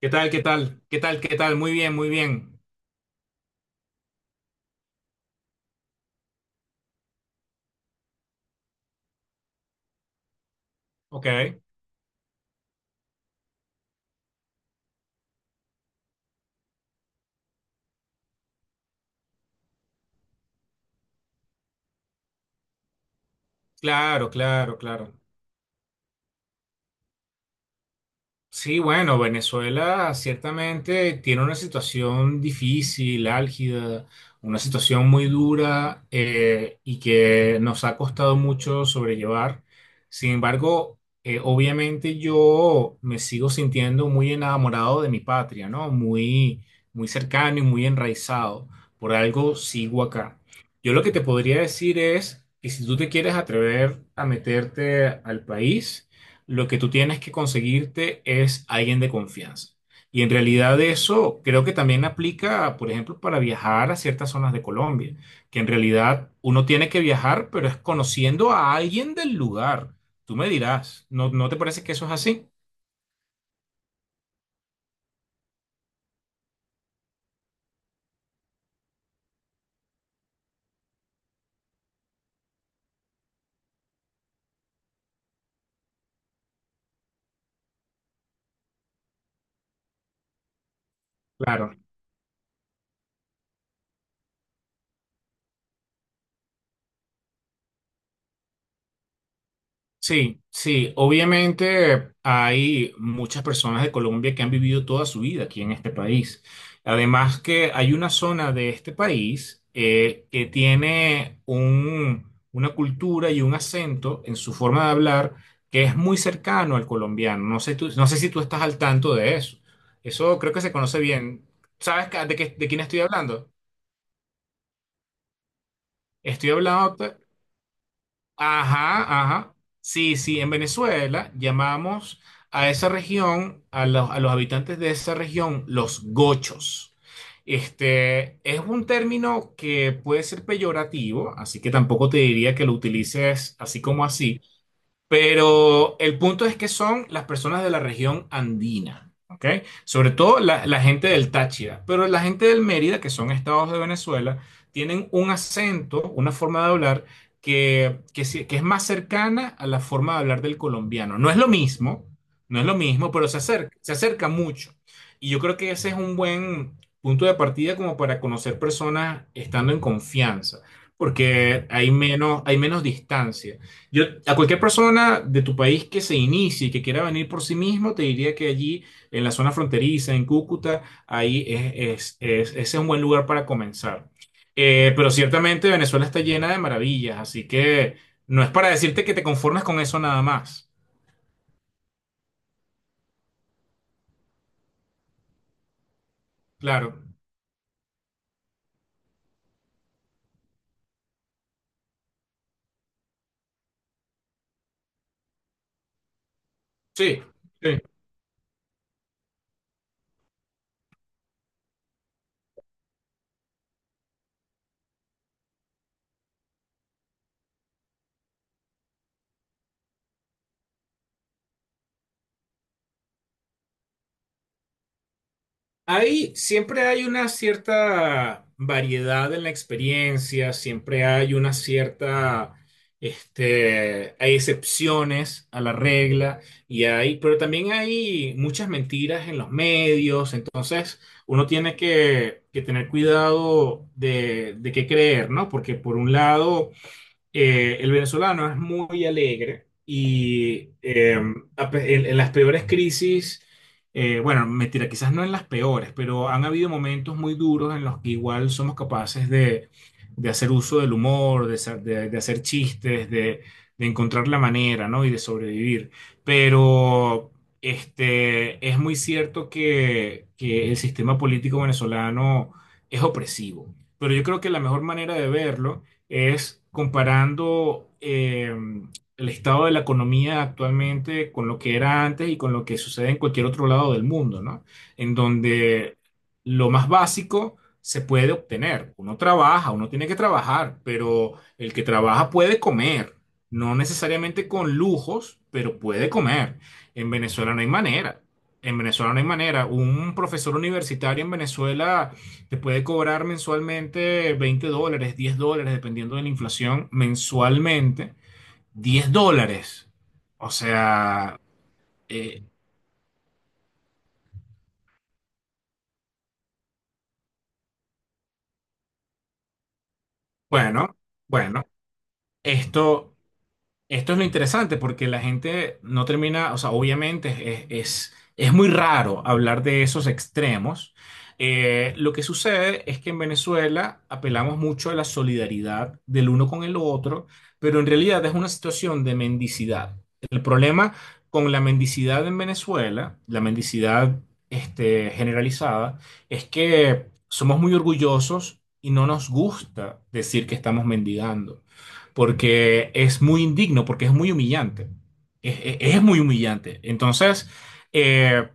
¿Qué tal? Muy bien, muy bien. Ok, claro, claro, claro. Sí, bueno, Venezuela ciertamente tiene una situación difícil, álgida, una situación muy dura, y que nos ha costado mucho sobrellevar. Sin embargo, obviamente yo me sigo sintiendo muy enamorado de mi patria, ¿no? Muy, muy cercano y muy enraizado. Por algo sigo acá. Yo lo que te podría decir es que si tú te quieres atrever a meterte al país, lo que tú tienes que conseguirte es alguien de confianza. Y en realidad eso creo que también aplica, por ejemplo, para viajar a ciertas zonas de Colombia, que en realidad uno tiene que viajar, pero es conociendo a alguien del lugar. Tú me dirás, ¿no, no te parece que eso es así? Claro. Sí, sí, obviamente hay muchas personas de Colombia que han vivido toda su vida aquí en este país. Además que hay una zona de este país, que tiene una cultura y un acento en su forma de hablar que es muy cercano al colombiano. No sé si tú estás al tanto de eso. Eso creo que se conoce bien. ¿Sabes de quién estoy hablando? Estoy hablando. Ajá, ajá. Sí, sí, en Venezuela llamamos a esa región, a los habitantes de esa región, los gochos. Este es un término que puede ser peyorativo, así que tampoco te diría que lo utilices así como así. Pero el punto es que son las personas de la región andina, ¿ok? Sobre todo la, la gente del Táchira, pero la gente del Mérida, que son estados de Venezuela, tienen un acento, una forma de hablar que, que es más cercana a la forma de hablar del colombiano. No es lo mismo, no es lo mismo, pero se acerca mucho. Y yo creo que ese es un buen punto de partida como para conocer personas estando en confianza, porque hay menos distancia. Yo, a cualquier persona de tu país que se inicie y que quiera venir por sí mismo, te diría que allí, en la zona fronteriza, en Cúcuta, ahí es, ese es un buen lugar para comenzar. Pero ciertamente Venezuela está llena de maravillas, así que no es para decirte que te conformes con eso nada más. Claro, sí, sí. Hay, siempre hay una cierta variedad en la experiencia, siempre hay una cierta, este, hay excepciones a la regla y hay, pero también hay muchas mentiras en los medios, entonces uno tiene que tener cuidado de qué creer, ¿no? Porque por un lado, el venezolano es muy alegre y, en las peores crisis, bueno, mentira, quizás no en las peores, pero han habido momentos muy duros en los que igual somos capaces de hacer uso del humor, de, de hacer chistes, de encontrar la manera, ¿no? Y de sobrevivir. Pero este, es muy cierto que el sistema político venezolano es opresivo. Pero yo creo que la mejor manera de verlo es comparando, el estado de la economía actualmente con lo que era antes y con lo que sucede en cualquier otro lado del mundo, ¿no? En donde lo más básico se puede obtener. Uno trabaja, uno tiene que trabajar, pero el que trabaja puede comer, no necesariamente con lujos, pero puede comer. En Venezuela no hay manera. En Venezuela no hay manera. Un profesor universitario en Venezuela te puede cobrar mensualmente 20 dólares, 10 dólares, dependiendo de la inflación, mensualmente diez dólares. O sea, eh, bueno, bueno, esto Esto es lo interesante porque la gente no termina, o sea, obviamente es muy raro hablar de esos extremos. Lo que sucede es que en Venezuela apelamos mucho a la solidaridad del uno con el otro, pero en realidad es una situación de mendicidad. El problema con la mendicidad en Venezuela, la mendicidad este, generalizada, es que somos muy orgullosos y no nos gusta decir que estamos mendigando porque es muy indigno, porque es muy humillante. Es, es muy humillante. Entonces, eh,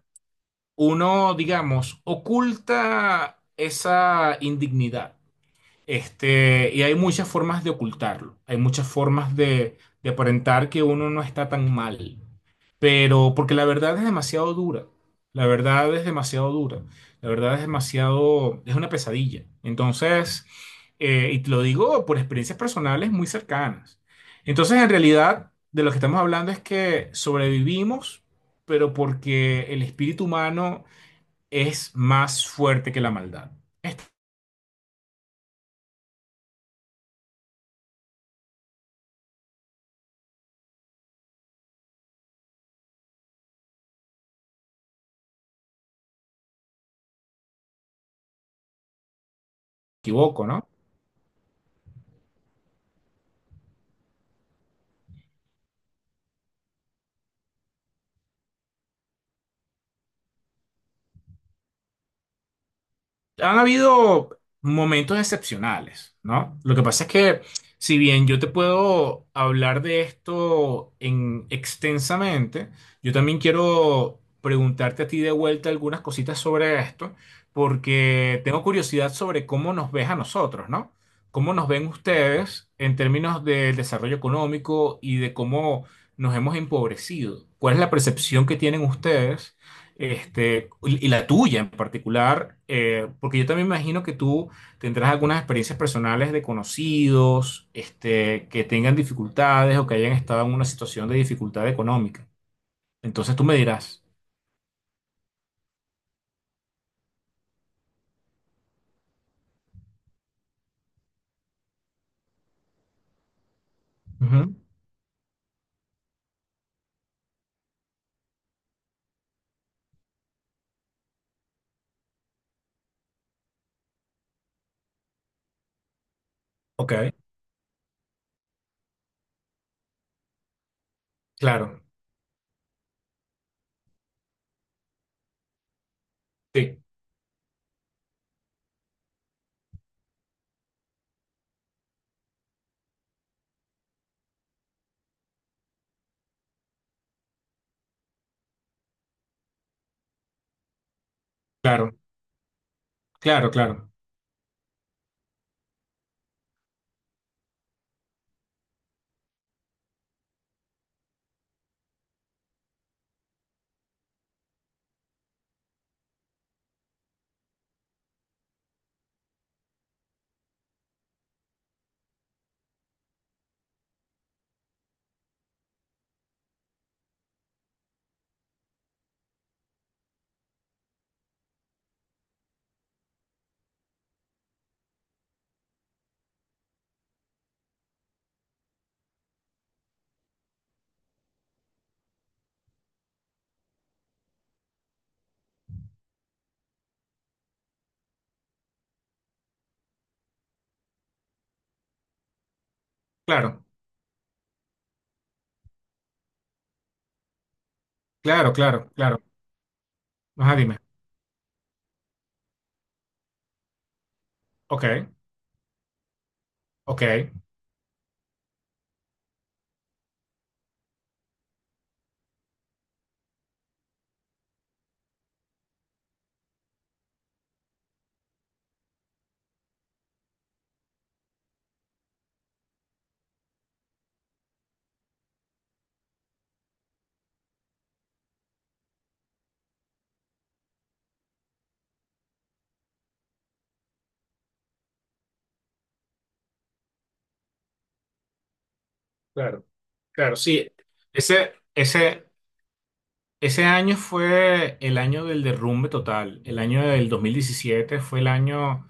uno, digamos, oculta esa indignidad este, y hay muchas formas de ocultarlo, hay muchas formas de aparentar que uno no está tan mal, pero porque la verdad es demasiado dura, la verdad es demasiado dura, la verdad es demasiado, es una pesadilla. Entonces, y te lo digo por experiencias personales muy cercanas. Entonces, en realidad, de lo que estamos hablando es que sobrevivimos, pero porque el espíritu humano es más fuerte que la maldad. Esto equivoco, ¿no? Han habido momentos excepcionales, ¿no? Lo que pasa es que, si bien yo te puedo hablar de esto en extensamente, yo también quiero preguntarte a ti de vuelta algunas cositas sobre esto, porque tengo curiosidad sobre cómo nos ves a nosotros, ¿no? ¿Cómo nos ven ustedes en términos del desarrollo económico y de cómo nos hemos empobrecido? ¿Cuál es la percepción que tienen ustedes? Este, y la tuya en particular, porque yo también me imagino que tú tendrás algunas experiencias personales de conocidos, este, que tengan dificultades o que hayan estado en una situación de dificultad económica. Entonces tú me dirás. Ujú. Ok, claro, sí, claro, claro, claro, claro, claro, claro, claro. Ajá, dime. Ok, ok, claro, claro, sí. Ese, ese. Ese año fue el año del derrumbe total. El año del 2017 fue el año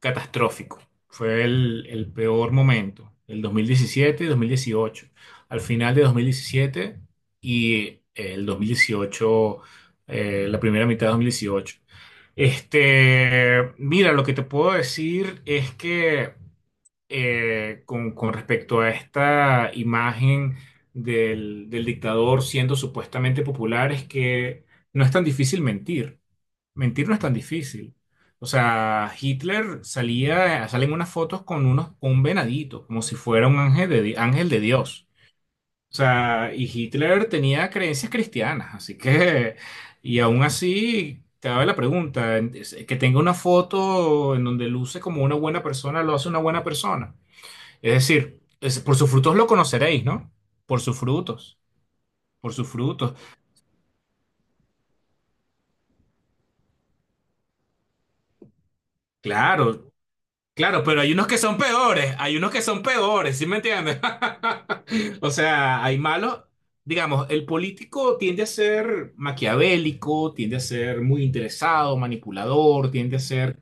catastrófico. Fue el peor momento. El 2017 y 2018. Al final de 2017 y el 2018, la primera mitad de 2018. Este, mira, lo que te puedo decir es que, con respecto a esta imagen del, del dictador siendo supuestamente popular es que no es tan difícil mentir. Mentir no es tan difícil. O sea, Hitler salía, salen unas fotos con unos, con un venadito, como si fuera un ángel de, ángel de Dios. O sea, y Hitler tenía creencias cristianas, así que, y aún así, te daba la pregunta, que tenga una foto en donde luce como una buena persona, lo hace una buena persona. Es decir, por sus frutos lo conoceréis, ¿no? Por sus frutos, por sus frutos. Claro, claro, pero hay unos que son peores, hay unos que son peores, ¿sí me entiendes? O sea, hay malos, digamos, el político tiende a ser maquiavélico, tiende a ser muy interesado, manipulador, tiende a ser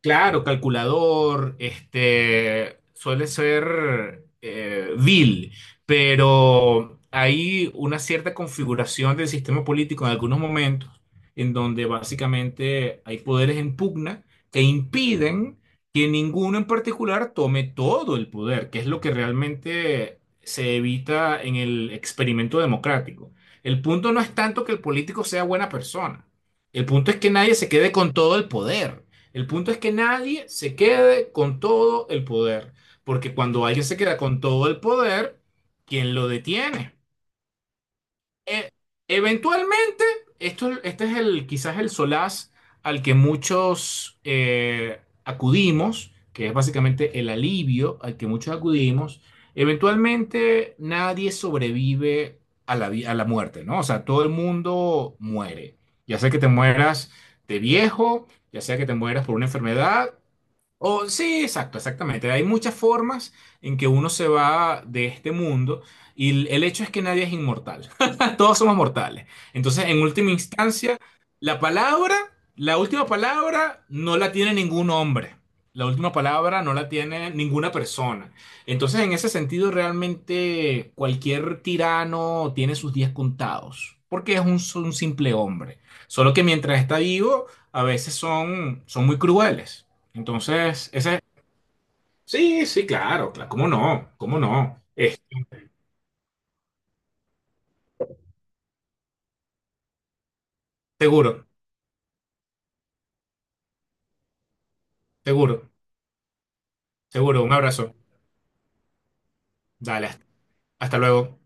Claro, calculador, este, suele ser, vil, pero hay una cierta configuración del sistema político en algunos momentos en donde básicamente hay poderes en pugna que impiden que ninguno en particular tome todo el poder, que es lo que realmente se evita en el experimento democrático. El punto no es tanto que el político sea buena persona, el punto es que nadie se quede con todo el poder. El punto es que nadie se quede con todo el poder, porque cuando alguien se queda con todo el poder, ¿quién lo detiene? E- Eventualmente, esto, este es el, quizás el solaz al que muchos, acudimos, que es básicamente el alivio al que muchos acudimos. Eventualmente, nadie sobrevive a la, a la muerte, ¿no? O sea, todo el mundo muere. Ya sea que te mueras de viejo, ya sea que te mueras por una enfermedad o- sí, exacto, exactamente. Hay muchas formas en que uno se va de este mundo y el hecho es que nadie es inmortal. Todos somos mortales. Entonces, en última instancia, la palabra, la última palabra no la tiene ningún hombre. La última palabra no la tiene ninguna persona. Entonces, en ese sentido, realmente cualquier tirano tiene sus días contados, porque es un simple hombre. Solo que mientras está vivo, a veces son, son muy crueles. Entonces, ese... Sí, sí, claro, claro. ¿Cómo no? ¿Cómo no? Seguro, seguro, seguro. Un abrazo. Dale, hasta luego.